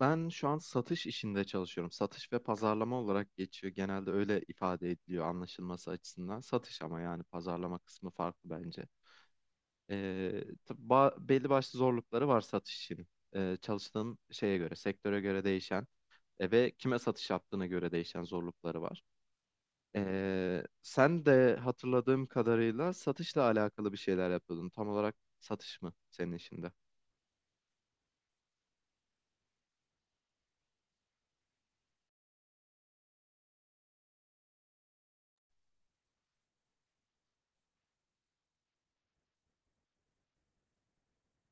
Ben şu an satış işinde çalışıyorum. Satış ve pazarlama olarak geçiyor. Genelde öyle ifade ediliyor anlaşılması açısından. Satış ama yani pazarlama kısmı farklı bence. Tabii belli başlı zorlukları var satış için. Çalıştığın şeye göre, sektöre göre değişen ve kime satış yaptığına göre değişen zorlukları var. Sen de hatırladığım kadarıyla satışla alakalı bir şeyler yapıyordun. Tam olarak satış mı senin işinde?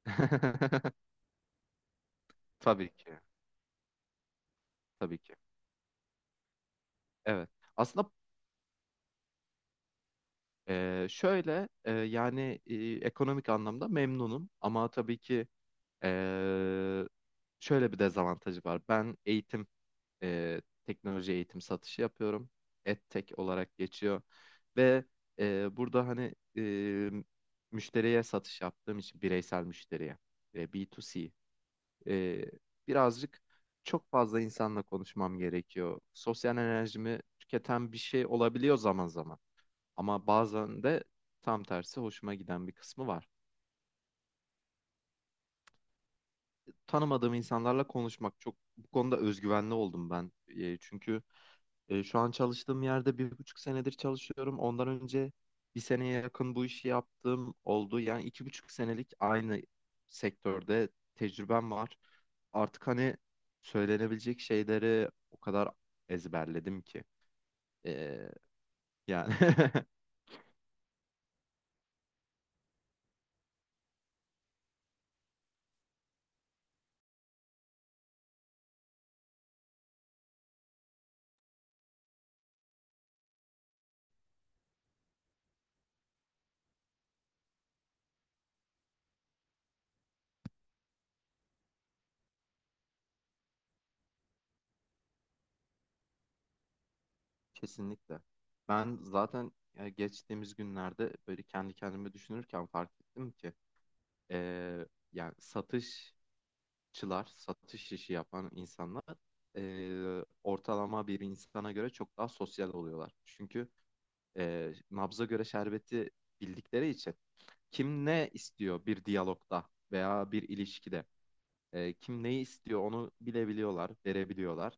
Tabii ki, tabii ki. Evet. Aslında şöyle e, yani e, ekonomik anlamda memnunum ama tabii ki e, şöyle bir dezavantajı var. Ben eğitim, e, teknoloji eğitim satışı yapıyorum. EdTech olarak geçiyor ve burada hani, müşteriye satış yaptığım için bireysel müşteriye B2C, e, birazcık çok fazla insanla konuşmam gerekiyor. Sosyal enerjimi tüketen bir şey olabiliyor zaman zaman. Ama bazen de tam tersi hoşuma giden bir kısmı var. Tanımadığım insanlarla konuşmak çok bu konuda özgüvenli oldum ben. Çünkü şu an çalıştığım yerde bir buçuk senedir çalışıyorum. Ondan önce bir seneye yakın bu işi yaptığım oldu. Yani iki buçuk senelik aynı sektörde tecrübem var. Artık hani söylenebilecek şeyleri o kadar ezberledim ki. E, yani Kesinlikle. Ben zaten geçtiğimiz günlerde böyle kendi kendime düşünürken fark ettim ki e, yani satışçılar, satış işi yapan insanlar ortalama bir insana göre çok daha sosyal oluyorlar. Çünkü nabza göre şerbeti bildikleri için kim ne istiyor bir diyalogda veya bir ilişkide kim neyi istiyor onu bilebiliyorlar, verebiliyorlar.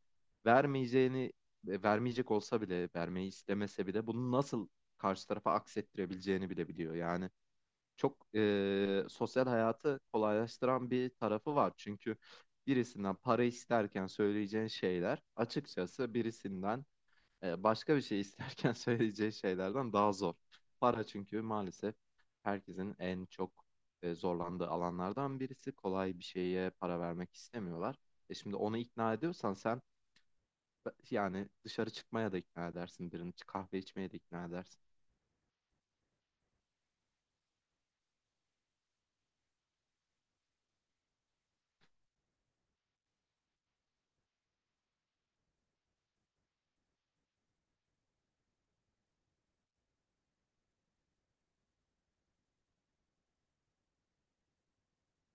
Vermeyeceğini, vermeyecek olsa bile, vermeyi istemese bile bunu nasıl karşı tarafa aksettirebileceğini bilebiliyor. Yani çok sosyal hayatı kolaylaştıran bir tarafı var. Çünkü birisinden para isterken söyleyeceğin şeyler açıkçası birisinden başka bir şey isterken söyleyeceği şeylerden daha zor. Para çünkü maalesef herkesin en çok zorlandığı alanlardan birisi. Kolay bir şeye para vermek istemiyorlar. E şimdi onu ikna ediyorsan sen yani dışarı çıkmaya da ikna edersin birini, kahve içmeye de ikna edersin.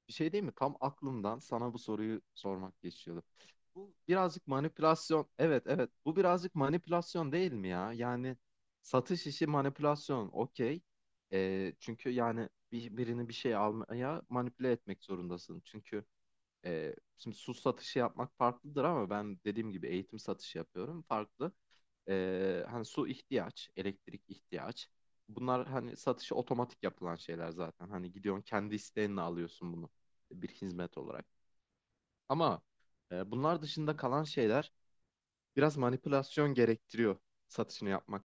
Bir şey değil mi? Tam aklımdan sana bu soruyu sormak geçiyordu. Bu birazcık manipülasyon. Evet, evet. Bu birazcık manipülasyon değil mi ya? Yani satış işi manipülasyon. Okey. Çünkü yani birini bir şey almaya manipüle etmek zorundasın. Çünkü şimdi su satışı yapmak farklıdır ama ben dediğim gibi eğitim satışı yapıyorum. Farklı. Hani su ihtiyaç, elektrik ihtiyaç. Bunlar hani satışı otomatik yapılan şeyler zaten. Hani gidiyorsun kendi isteğinle alıyorsun bunu bir hizmet olarak. Ama bunlar dışında kalan şeyler biraz manipülasyon gerektiriyor satışını yapmak.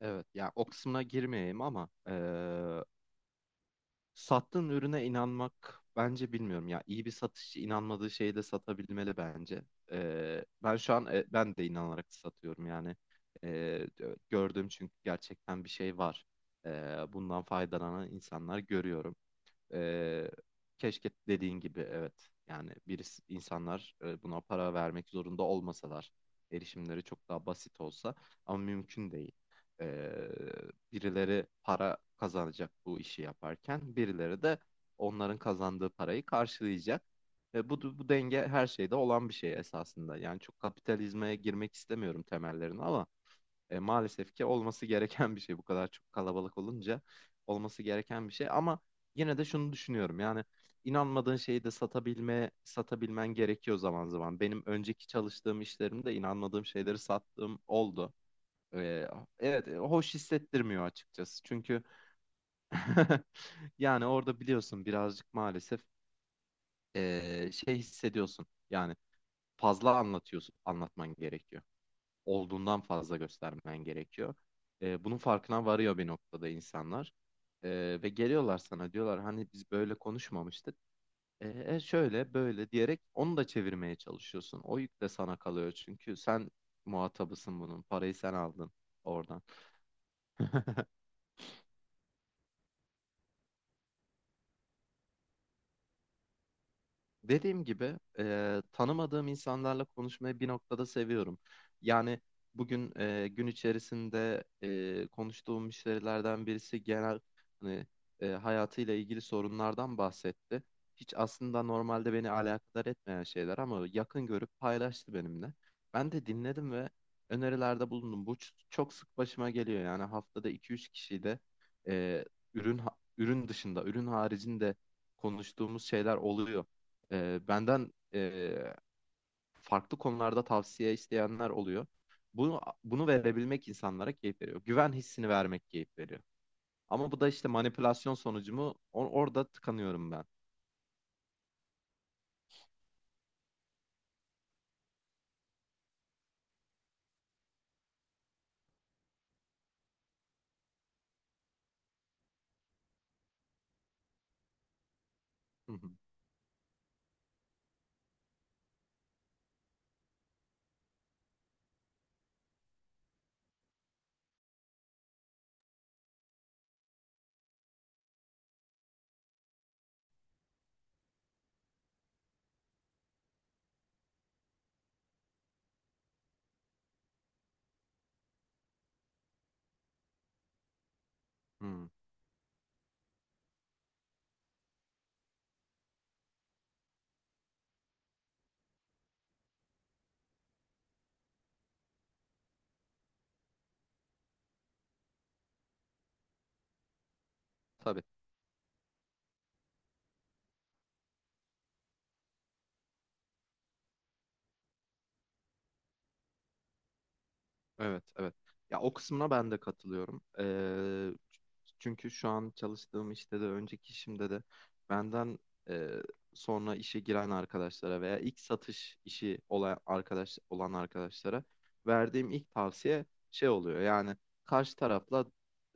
Evet, ya o kısmına girmeyeyim ama sattığın ürüne inanmak bence bilmiyorum ya. İyi bir satışçı inanmadığı şeyi de satabilmeli bence. Ben şu an e, ben de inanarak satıyorum yani. Ee, Gördüğüm çünkü gerçekten bir şey var. Ee, Bundan faydalanan insanlar görüyorum. Ee, Keşke dediğin gibi evet. Yani insanlar buna para vermek zorunda olmasalar, erişimleri çok daha basit olsa ama mümkün değil. Ee, Birileri para kazanacak bu işi yaparken, birileri de onların kazandığı parayı karşılayacak. Bu denge her şeyde olan bir şey esasında. Yani çok kapitalizme girmek istemiyorum temellerini ama maalesef ki olması gereken bir şey bu kadar çok kalabalık olunca olması gereken bir şey ama yine de şunu düşünüyorum yani inanmadığın şeyi de satabilmen gerekiyor zaman zaman. Benim önceki çalıştığım işlerimde inanmadığım şeyleri sattığım oldu. E, evet, hoş hissettirmiyor açıkçası çünkü yani orada biliyorsun birazcık maalesef şey hissediyorsun yani fazla anlatman gerekiyor olduğundan fazla göstermen gerekiyor. Bunun farkına varıyor bir noktada insanlar. Ve geliyorlar sana diyorlar hani biz böyle konuşmamıştık. Şöyle böyle diyerek onu da çevirmeye çalışıyorsun. O yük de sana kalıyor çünkü sen muhatabısın bunun. Parayı sen aldın oradan. Dediğim gibi tanımadığım insanlarla konuşmayı bir noktada seviyorum. Yani bugün gün içerisinde konuştuğum müşterilerden birisi genel hani, hayatıyla ilgili sorunlardan bahsetti. Hiç aslında normalde beni alakadar etmeyen şeyler ama yakın görüp paylaştı benimle. Ben de dinledim ve önerilerde bulundum. Bu çok sık başıma geliyor yani haftada iki üç kişiyle e, ürün ürün dışında, ürün haricinde konuştuğumuz şeyler oluyor. Benden farklı konularda tavsiye isteyenler oluyor. Bunu verebilmek insanlara keyif veriyor. Güven hissini vermek keyif veriyor. Ama bu da işte manipülasyon sonucu mu? Orada tıkanıyorum ben. Hı hı. Hı. Tabii. Evet, evet. Ya o kısmına ben de katılıyorum. Çünkü şu an çalıştığım işte de önceki işimde de benden e, sonra işe giren arkadaşlara veya ilk satış işi olan arkadaşlara verdiğim ilk tavsiye şey oluyor. Yani karşı tarafla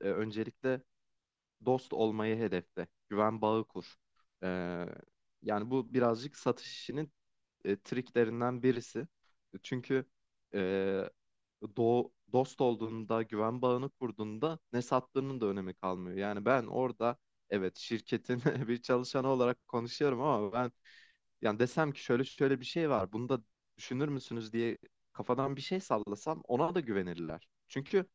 öncelikle dost olmayı hedefle, güven bağı kur. Ee, Yani bu birazcık satış işinin triklerinden birisi. Çünkü dost olduğunda, güven bağını kurduğunda ne sattığının da önemi kalmıyor. Yani ben orada evet şirketin bir çalışanı olarak konuşuyorum ama ben yani desem ki şöyle şöyle bir şey var. Bunu da düşünür müsünüz diye kafadan bir şey sallasam ona da güvenirler. Çünkü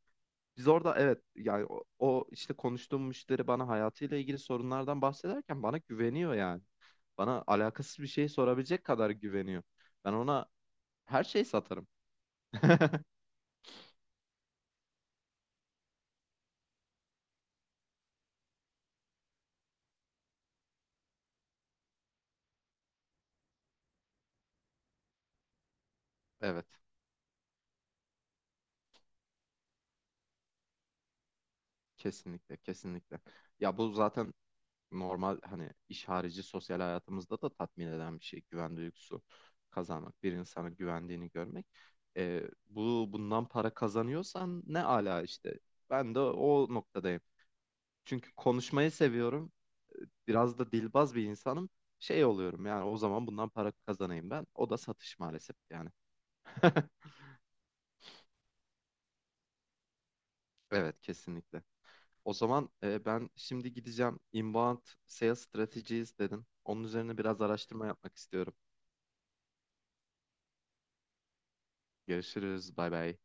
biz orada evet yani o işte konuştuğum müşteri bana hayatıyla ilgili sorunlardan bahsederken bana güveniyor yani. Bana alakasız bir şey sorabilecek kadar güveniyor. Ben ona her şeyi satarım. Evet. Kesinlikle, kesinlikle. Ya bu zaten normal hani iş harici sosyal hayatımızda da tatmin eden bir şey. Güven duygusu kazanmak, bir insana güvendiğini görmek. Bu bundan para kazanıyorsan ne ala işte. Ben de o noktadayım. Çünkü konuşmayı seviyorum. Biraz da dilbaz bir insanım. Şey oluyorum yani o zaman bundan para kazanayım ben. O da satış maalesef yani. Evet, kesinlikle. O zaman ben şimdi gideceğim. Inbound Sales Strategies dedin. Onun üzerine biraz araştırma yapmak istiyorum. Görüşürüz. Bay bay.